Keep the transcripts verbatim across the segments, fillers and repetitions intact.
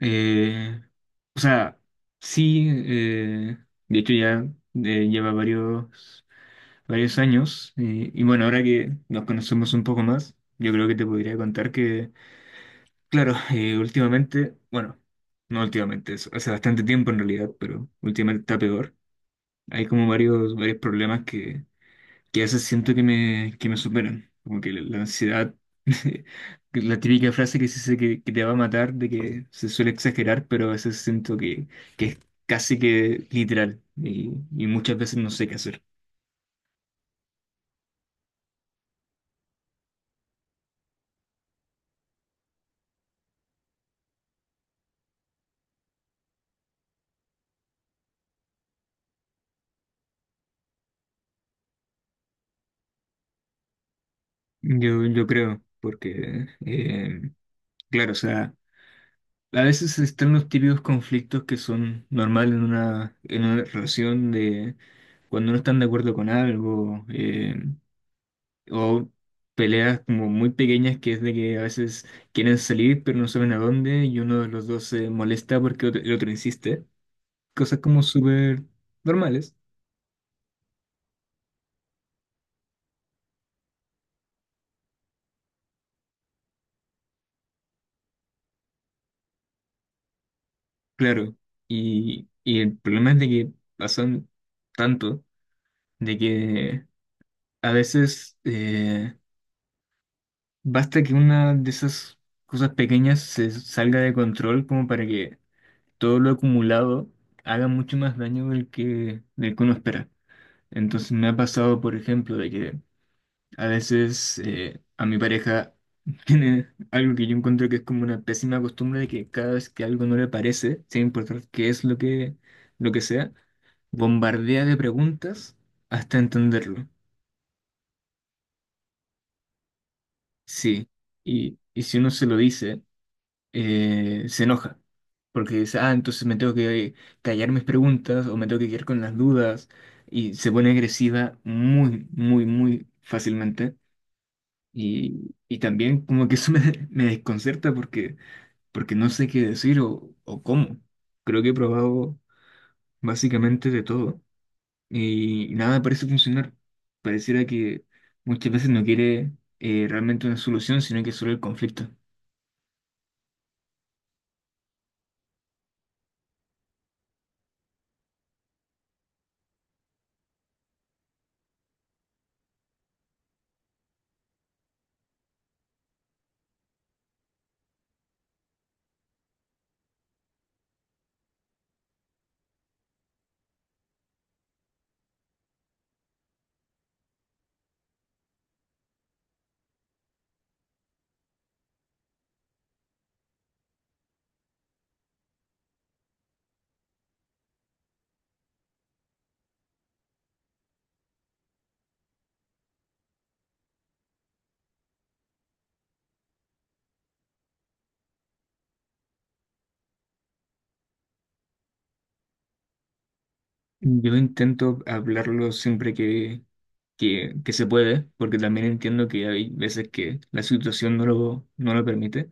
Eh, o sea, sí, eh, de hecho ya eh, lleva varios, varios años, eh, y bueno, ahora que nos conocemos un poco más, yo creo que te podría contar que, claro. Eh, últimamente, bueno, no últimamente, es- hace bastante tiempo en realidad, pero últimamente está peor. Hay como varios, varios problemas que que a veces siento que me, que me superan. Como que la, la ansiedad. Que la típica frase que se dice que, que te va a matar, de que se suele exagerar, pero a veces siento que, que es casi que literal y, y muchas veces no sé qué hacer. Yo, yo creo, porque, eh, claro, o sea, a veces están los típicos conflictos que son normales en una, en una relación de cuando no están de acuerdo con algo. eh, O peleas como muy pequeñas que es de que a veces quieren salir pero no saben a dónde, y uno de los dos se molesta porque otro- el otro insiste. Cosas como súper normales, claro. Y, y el problema es de que pasan tanto, de que a veces, eh, basta que una de esas cosas pequeñas se salga de control como para que todo lo acumulado haga mucho más daño del que, del que uno espera. Entonces me ha pasado, por ejemplo, de que a veces, eh, a mi pareja tiene algo que yo encuentro que es como una pésima costumbre, de que cada vez que algo no le parece, sin importar qué es lo que, lo que sea, bombardea de preguntas hasta entenderlo. Sí. Y, y si uno se lo dice, eh, se enoja. Porque dice, ah, entonces me tengo que callar mis preguntas o me tengo que quedar con las dudas. Y se pone agresiva muy, muy, muy fácilmente. Y, y también como que eso me, me desconcerta porque, porque no sé qué decir o, o cómo. Creo que he probado básicamente de todo y nada parece funcionar. Pareciera que muchas veces no quiere, eh, realmente una solución, sino que solo el conflicto. Yo intento hablarlo siempre que, que, que se puede, porque también entiendo que hay veces que la situación no lo, no lo permite,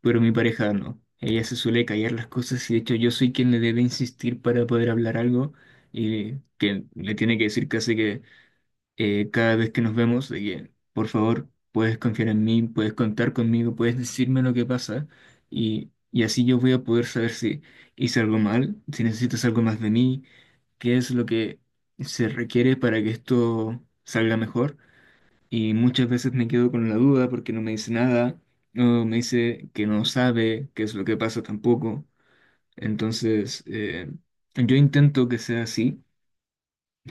pero mi pareja no. Ella se suele callar las cosas y de hecho yo soy quien le debe insistir para poder hablar algo, y que le tiene que decir casi que, eh, cada vez que nos vemos, de que por favor puedes confiar en mí, puedes contar conmigo, puedes decirme lo que pasa, y, y así yo voy a poder saber si hice algo mal, si necesitas algo más de mí, qué es lo que se requiere para que esto salga mejor. Y muchas veces me quedo con la duda porque no me dice nada, o me dice que no sabe qué es lo que pasa tampoco. Entonces, eh, yo intento que sea así,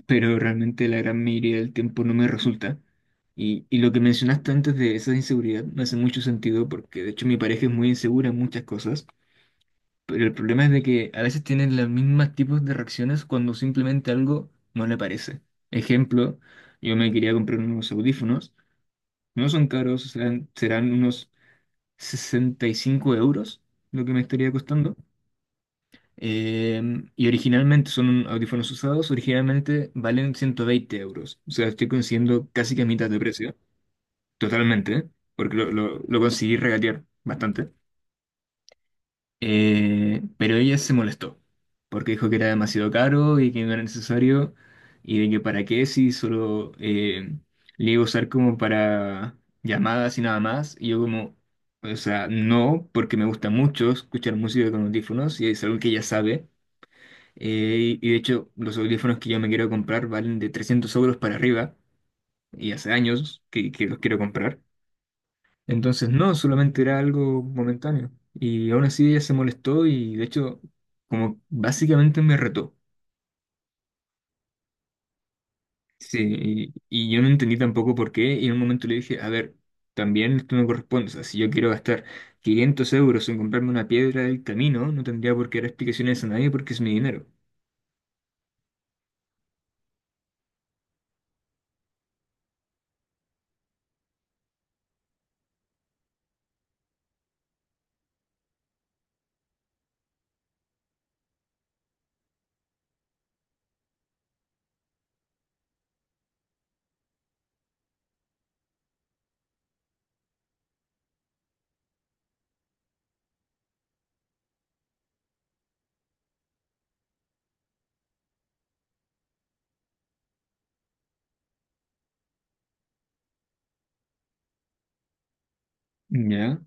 pero realmente la gran mayoría del tiempo no me resulta. Y, y lo que mencionaste antes de esa inseguridad me hace mucho sentido, porque de hecho mi pareja es muy insegura en muchas cosas, pero el problema es de que a veces tienen los mismos tipos de reacciones cuando simplemente algo no le parece. Ejemplo, yo me quería comprar unos audífonos. No son caros, serán, serán unos sesenta y cinco euros lo que me estaría costando. Eh, y originalmente son audífonos usados, originalmente valen ciento veinte euros. O sea, estoy consiguiendo casi que a mitad de precio, totalmente, ¿eh? Porque lo, lo, lo conseguí regatear bastante. Eh, pero ella se molestó porque dijo que era demasiado caro y que no era necesario, y de que para qué, si solo, eh, le iba a usar como para llamadas y nada más. Y yo como, o sea, no, porque me gusta mucho escuchar música con audífonos y es algo que ella sabe. Eh, y y de hecho los audífonos que yo me quiero comprar valen de trescientos euros para arriba, y hace años que, que los quiero comprar. Entonces, no, solamente era algo momentáneo. Y aún así ella se molestó y de hecho, como básicamente me retó. Sí, y, y yo no entendí tampoco por qué. Y en un momento le dije, a ver, también esto me corresponde. O sea, si yo quiero gastar quinientos euros en comprarme una piedra del camino, no tendría por qué dar explicaciones a nadie porque es mi dinero. Ya,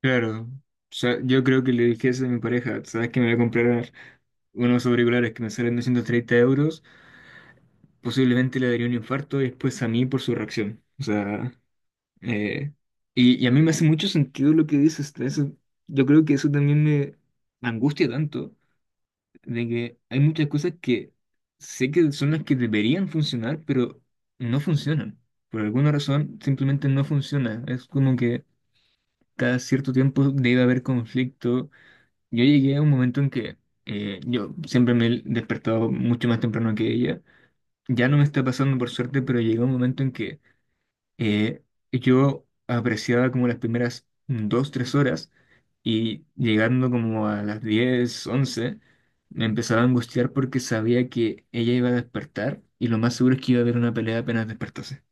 claro. O sea, yo creo que le dije eso a mi pareja, ¿sabes que me voy a comprar unos auriculares que me salen doscientos treinta euros? Posiblemente le daría un infarto y después a mí por su reacción. O sea, eh, y, y a mí me hace mucho sentido lo que dices. Eso, yo creo que eso también me angustia tanto, de que hay muchas cosas que sé que son las que deberían funcionar, pero no funcionan. Por alguna razón, simplemente no funciona. Es como que cada cierto tiempo debe haber conflicto. Yo llegué a un momento en que, eh, yo siempre me he despertado mucho más temprano que ella. Ya no me está pasando por suerte, pero llegó un momento en que, eh, yo apreciaba como las primeras dos, tres horas, y llegando como a las diez once me empezaba a angustiar porque sabía que ella iba a despertar y lo más seguro es que iba a haber una pelea apenas despertase.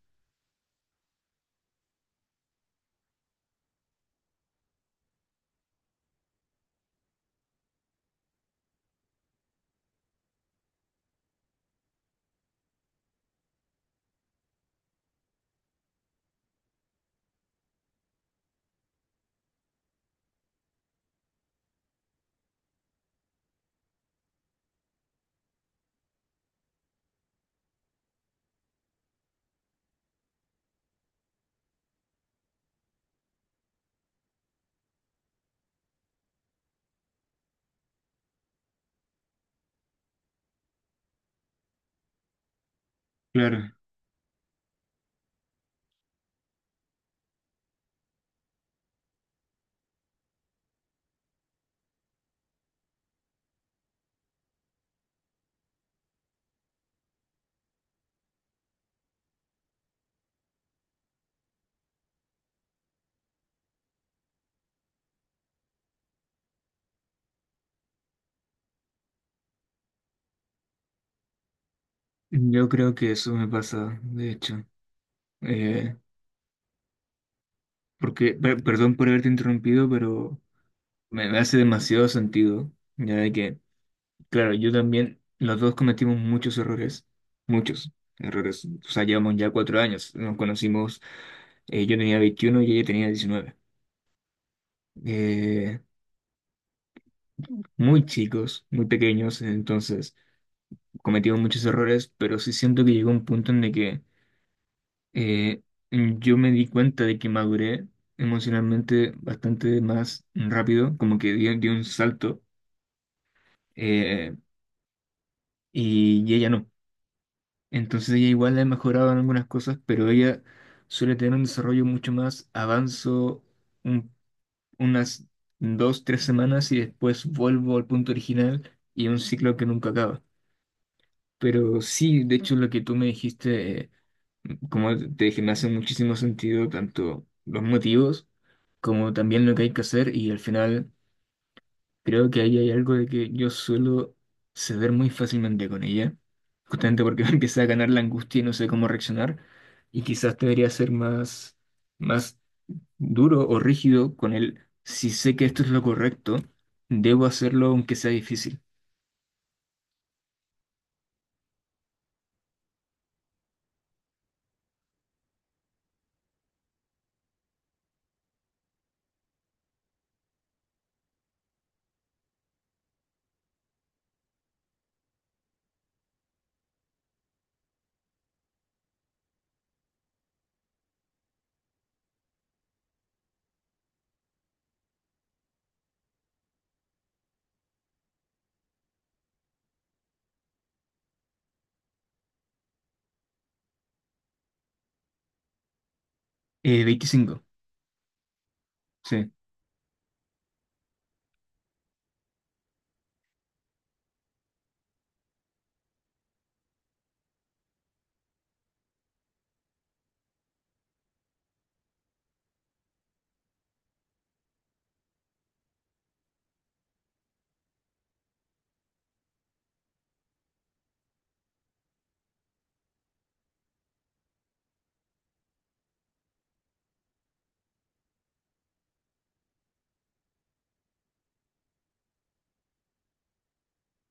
Claro, yo creo que eso me pasa, de hecho. Eh, Porque, per- perdón por haberte interrumpido, pero me me hace demasiado sentido, ya de que, claro, yo también, los dos cometimos muchos errores, muchos errores. O sea, llevamos ya cuatro años, nos conocimos, eh, yo tenía veintiuno y ella tenía diecinueve. Eh, Muy chicos, muy pequeños, entonces cometimos muchos errores, pero sí siento que llegó un punto en el que, eh, yo me di cuenta de que maduré emocionalmente bastante más rápido, como que di, di un salto, eh, y, y ella no. Entonces ella igual le ha mejorado en algunas cosas, pero ella suele tener un desarrollo mucho más avanzo, un- unas dos, tres semanas y después vuelvo al punto original, y es un ciclo que nunca acaba. Pero sí, de hecho lo que tú me dijiste, eh, como te dije, me hace muchísimo sentido, tanto los motivos como también lo que hay que hacer y al final... Creo que ahí hay algo de que yo suelo ceder muy fácilmente con ella, justamente porque me empieza a ganar la angustia y no sé cómo reaccionar, y quizás debería ser más, más duro o rígido, con el si sé que esto es lo correcto, debo hacerlo aunque sea difícil. Eh, veinticinco, sí.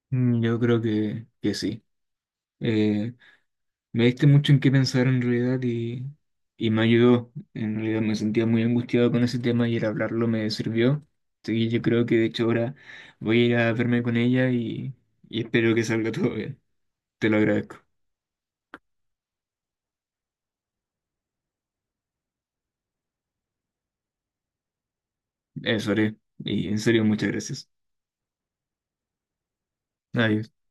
Mm, yo creo que, que sí. Eh, Me diste mucho en qué pensar en realidad, y, y me ayudó. En realidad me sentía muy angustiado con ese tema y el hablarlo me sirvió. Así que yo creo que de hecho ahora voy a ir a verme con ella, y, y espero que salga todo bien. Te lo agradezco. Eso haré. Y en serio, muchas gracias. Adiós.